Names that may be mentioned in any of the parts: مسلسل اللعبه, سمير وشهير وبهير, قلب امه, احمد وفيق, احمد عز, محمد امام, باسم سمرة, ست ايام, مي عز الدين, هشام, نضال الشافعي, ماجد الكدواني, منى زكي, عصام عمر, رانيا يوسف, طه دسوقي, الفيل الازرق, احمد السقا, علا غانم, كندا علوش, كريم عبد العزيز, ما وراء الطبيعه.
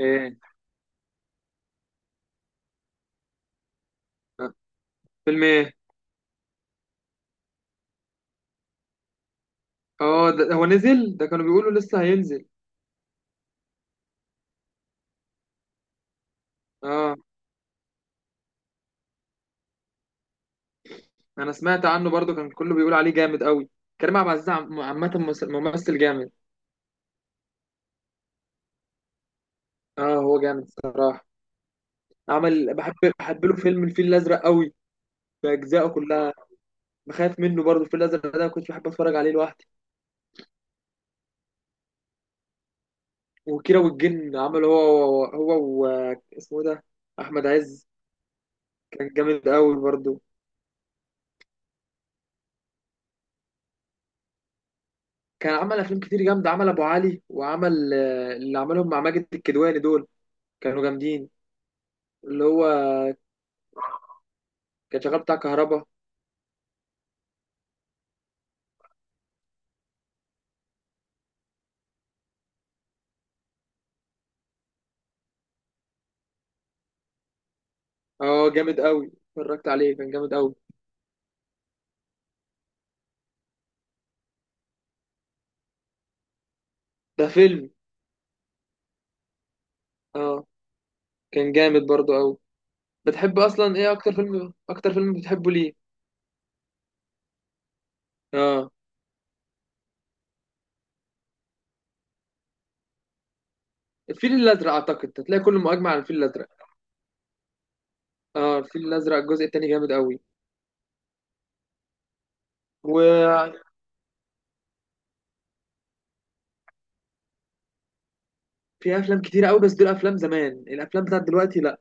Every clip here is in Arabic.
ايه. آه، فيلم ايه؟ اه، ده هو نزل؟ ده كانوا بيقولوا لسه هينزل. اه، انا سمعت عنه برضو كان كله بيقول عليه جامد قوي. كريم عبد العزيز عامه ممثل جامد. اه، هو جامد صراحه. عمل بحب بحب له فيلم الفيل الازرق قوي، باجزائه كلها. بخاف منه برضو، الفيل الازرق ده كنت بحب اتفرج عليه لوحدي. وكيرة والجن، عمل هو و... اسمه ده؟ احمد عز. كان جامد قوي برضو. كان عمل افلام كتير جامده، عمل ابو علي، وعمل اللي عملهم مع ماجد الكدواني دول، كانوا جامدين. اللي هو كان شغال بتاع كهربا. اه، جامد قوي، اتفرجت عليه كان جامد قوي. ده فيلم. اه، كان جامد برضو قوي. بتحب اصلا ايه؟ اكتر فيلم، اكتر فيلم بتحبه ليه؟ اه، الفيل الازرق اعتقد هتلاقي كله مجمع على الفيل الازرق. اه، الفيل الازرق الجزء التاني جامد قوي. وفي افلام كتير قوي، بس دول افلام زمان، الافلام بتاعت دلوقتي لا.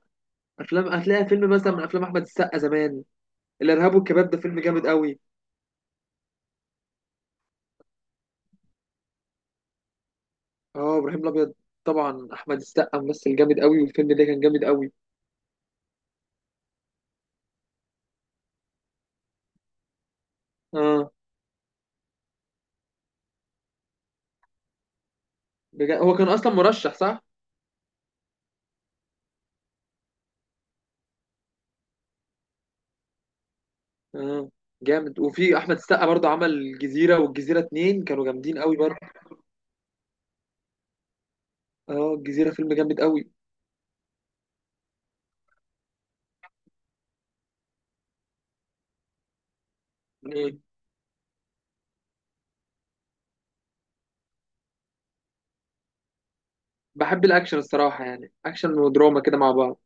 افلام هتلاقي فيلم مثلا من افلام احمد السقا زمان، الارهاب والكباب، ده فيلم جامد قوي. اه، ابراهيم الابيض. طبعا احمد السقا ممثل جامد قوي، والفيلم ده كان جامد قوي. اه. هو كان اصلا مرشح صح؟ اه جامد. وفي احمد السقا برضه عمل الجزيره والجزيره اتنين، كانوا جامدين قوي برضه. اه، الجزيره فيلم جامد قوي. مم. بحب الاكشن الصراحه، يعني اكشن ودراما كده مع بعض.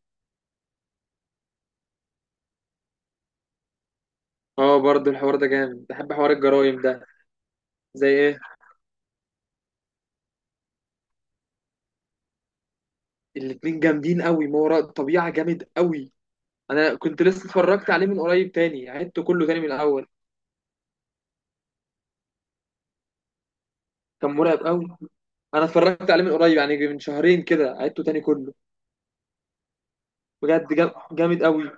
اه برضه الحوار ده جامد، بحب حوار الجرايم ده. زي ايه؟ الاتنين جامدين قوي، ما وراء الطبيعه جامد قوي. انا كنت لسه اتفرجت عليه من قريب، تاني عدته كله تاني من الاول. كان مرعب قوي. انا اتفرجت عليه من قريب يعني من شهرين كده، عدته تاني كله. بجد جامد قوي.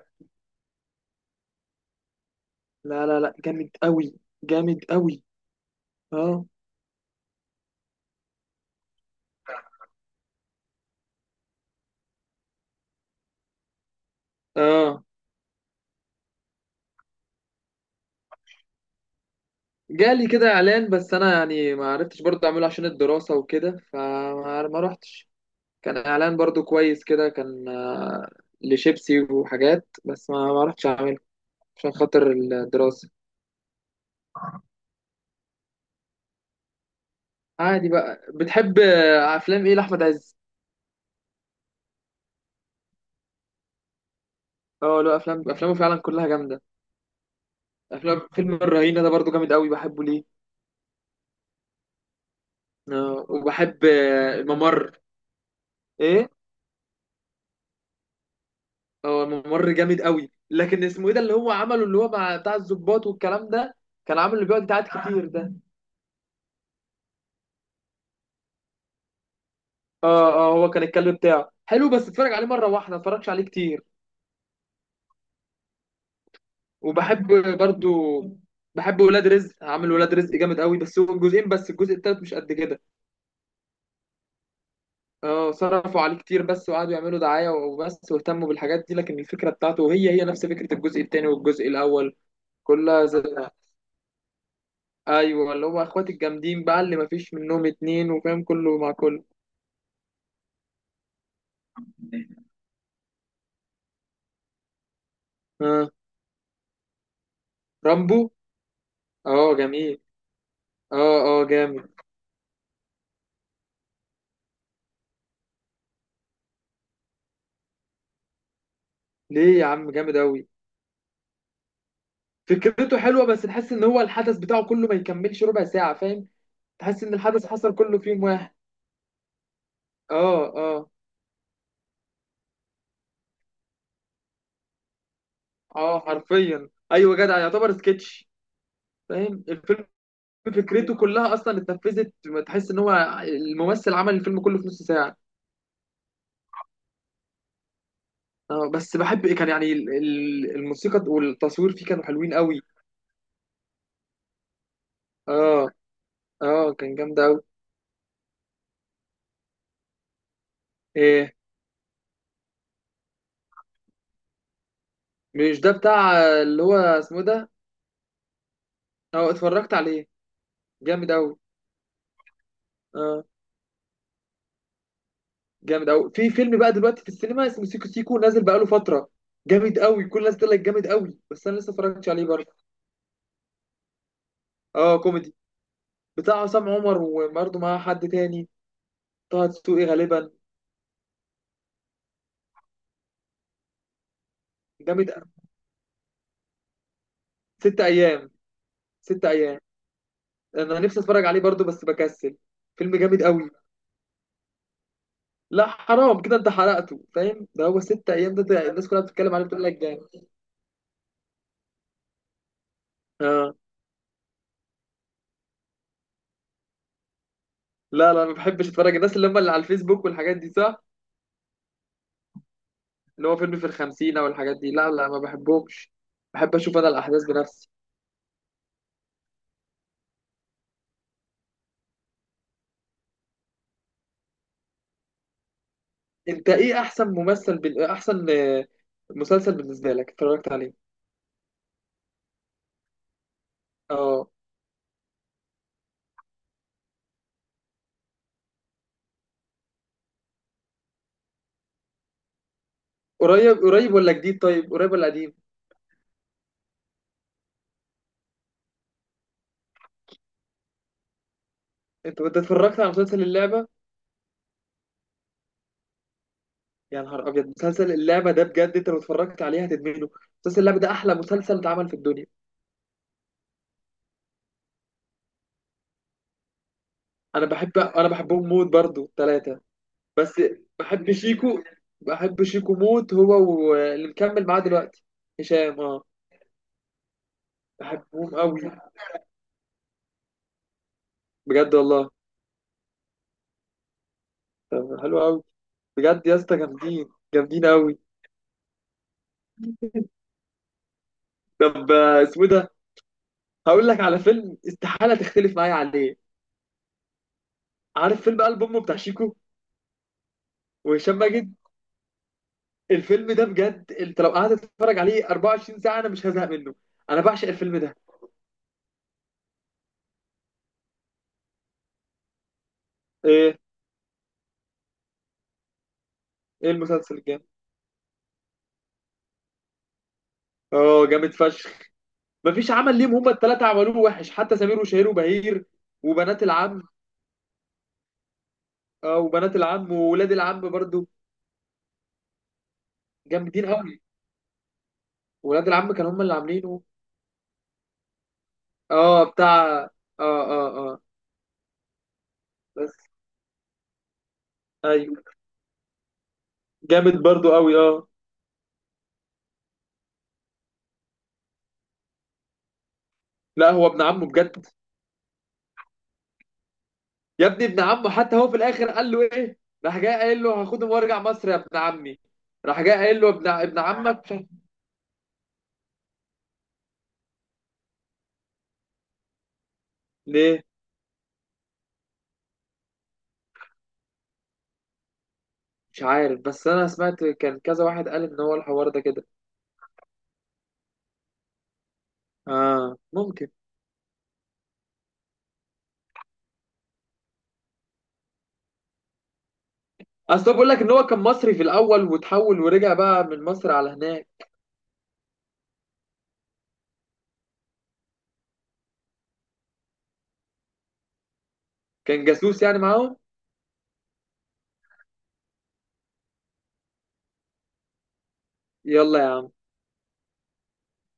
لا لا لا جامد قوي، جامد قوي. اه اه. جالي كده اعلان بس انا يعني ما عرفتش برضه اعمله عشان الدراسة وكده، فما ما رحتش. كان اعلان برضه كويس كده، كان لشيبسي وحاجات، بس ما رحتش اعمله عشان خاطر الدراسة. عادي بقى. بتحب افلام ايه لاحمد عز؟ اه، له افلام، افلامه فعلا كلها جامدة. افلام فيلم الرهينة ده برضه جامد قوي، بحبه ليه. آه، وبحب الممر. ايه؟ هو ممر جامد قوي، لكن اسمه ايه ده اللي هو عمله؟ اللي هو مع بتاع الضباط والكلام ده، كان عامل اللي بيقعد يتعاد كتير ده. اه اه، هو كان الكلب بتاعه حلو، بس اتفرج عليه مره واحده، ما اتفرجش عليه كتير. وبحب برضو، بحب ولاد رزق، عامل ولاد رزق جامد قوي، بس هو جزئين بس، الجزء التالت مش قد كده. اه صرفوا عليه كتير، بس وقعدوا يعملوا دعاية وبس، واهتموا بالحاجات دي، لكن الفكرة بتاعته هي هي نفس فكرة الجزء التاني والجزء الأول، كلها زي... ايوه اللي هو اخوات الجامدين بقى، اللي مفيش منهم اتنين، وفاهم كله مع كله. اه، رامبو. اه جميل، اه اه جامد. ليه يا عم جامد قوي. فكرته حلوه، بس تحس ان هو الحدث بتاعه كله ما يكملش ربع ساعه، فاهم. تحس ان الحدث حصل كله في يوم واحد. اه اه اه، حرفيا ايوه، جدع يعتبر سكتش. فاهم الفيلم فكرته كلها اصلا اتنفذت، تحس ان هو الممثل عمل الفيلم كله في نص ساعه. اه، بس بحب كان يعني الموسيقى والتصوير فيه كانوا حلوين قوي. اه اه، كان جامد قوي. ايه؟ مش ده بتاع اللي هو اسمه إيه ده؟ اه، اتفرجت عليه، جامد قوي. اه جامد قوي. في فيلم بقى دلوقتي في السينما اسمه سيكو سيكو، نازل بقاله فتره، جامد قوي، كل الناس تقول لك جامد قوي، بس انا لسه اتفرجتش عليه برضه. اه كوميدي، بتاع عصام عمر وبرضه معاه حد تاني، طه دسوقي غالبا. جامد أوي. ست ايام. ست ايام. انا نفسي اتفرج عليه برضه بس بكسل، فيلم جامد قوي. لا، حرام كده، انت حرقته فاهم. ده هو ست ايام ده, الناس كلها بتتكلم عليه بتقول لك جامد. اه. لا لا، ما بحبش اتفرج الناس اللي هم اللي على الفيسبوك والحاجات دي صح. اللي هو فيلم في الخمسين او الحاجات دي، لا لا ما بحبهمش، بحب اشوف انا الاحداث بنفسي. انت ايه احسن ممثل احسن مسلسل بالنسبه لك اتفرجت عليه؟ اه. قريب ولا جديد؟ طيب قريب ولا قديم؟ انت اتفرجت على مسلسل اللعبه؟ يا نهار ابيض، مسلسل اللعبه ده بجد، انت لو اتفرجت عليه هتدمنه. مسلسل اللعبه ده احلى مسلسل اتعمل في الدنيا. انا بحبهم موت برضو ثلاثه. بس بحب شيكو بحب شيكو موت هو، واللي مكمل معاه دلوقتي هشام. اه بحبهم قوي، بجد والله. طب حلو قوي، بجد يا اسطى جامدين جامدين قوي. طب اسمه إيه ده؟ هقول لك على فيلم استحالة تختلف معايا عليه. عارف فيلم قلب امه بتاع شيكو وهشام ماجد؟ الفيلم ده بجد، انت لو قعدت تتفرج عليه 24 ساعة انا مش هزهق منه. انا بعشق الفيلم ده. ايه؟ ايه المسلسل الجامد؟ اه جامد فشخ. مفيش عمل ليهم هما التلاتة عملوه وحش، حتى سمير وشهير وبهير وبنات العم. اه، وبنات العم وولاد العم برضو، جامدين قوي. ولاد العم كانوا هما اللي عاملينه. اه بتاع. اه اه اه بس. ايوه، جامد برضو قوي. اه. لا هو ابن عمه بجد. يا ابني ابن عمه، حتى هو في الاخر قال له ايه؟ راح جاي قايل له هاخدهم وارجع مصر يا ابن عمي. راح جاي قايل له ابن عمك مش عارف-. ليه؟ مش عارف، بس انا سمعت كان كذا واحد قال ان هو الحوار ده كده. اه ممكن. اصل هو بيقول لك ان هو كان مصري في الاول وتحول ورجع بقى من مصر على هناك. كان جاسوس يعني معاهم. يلا يا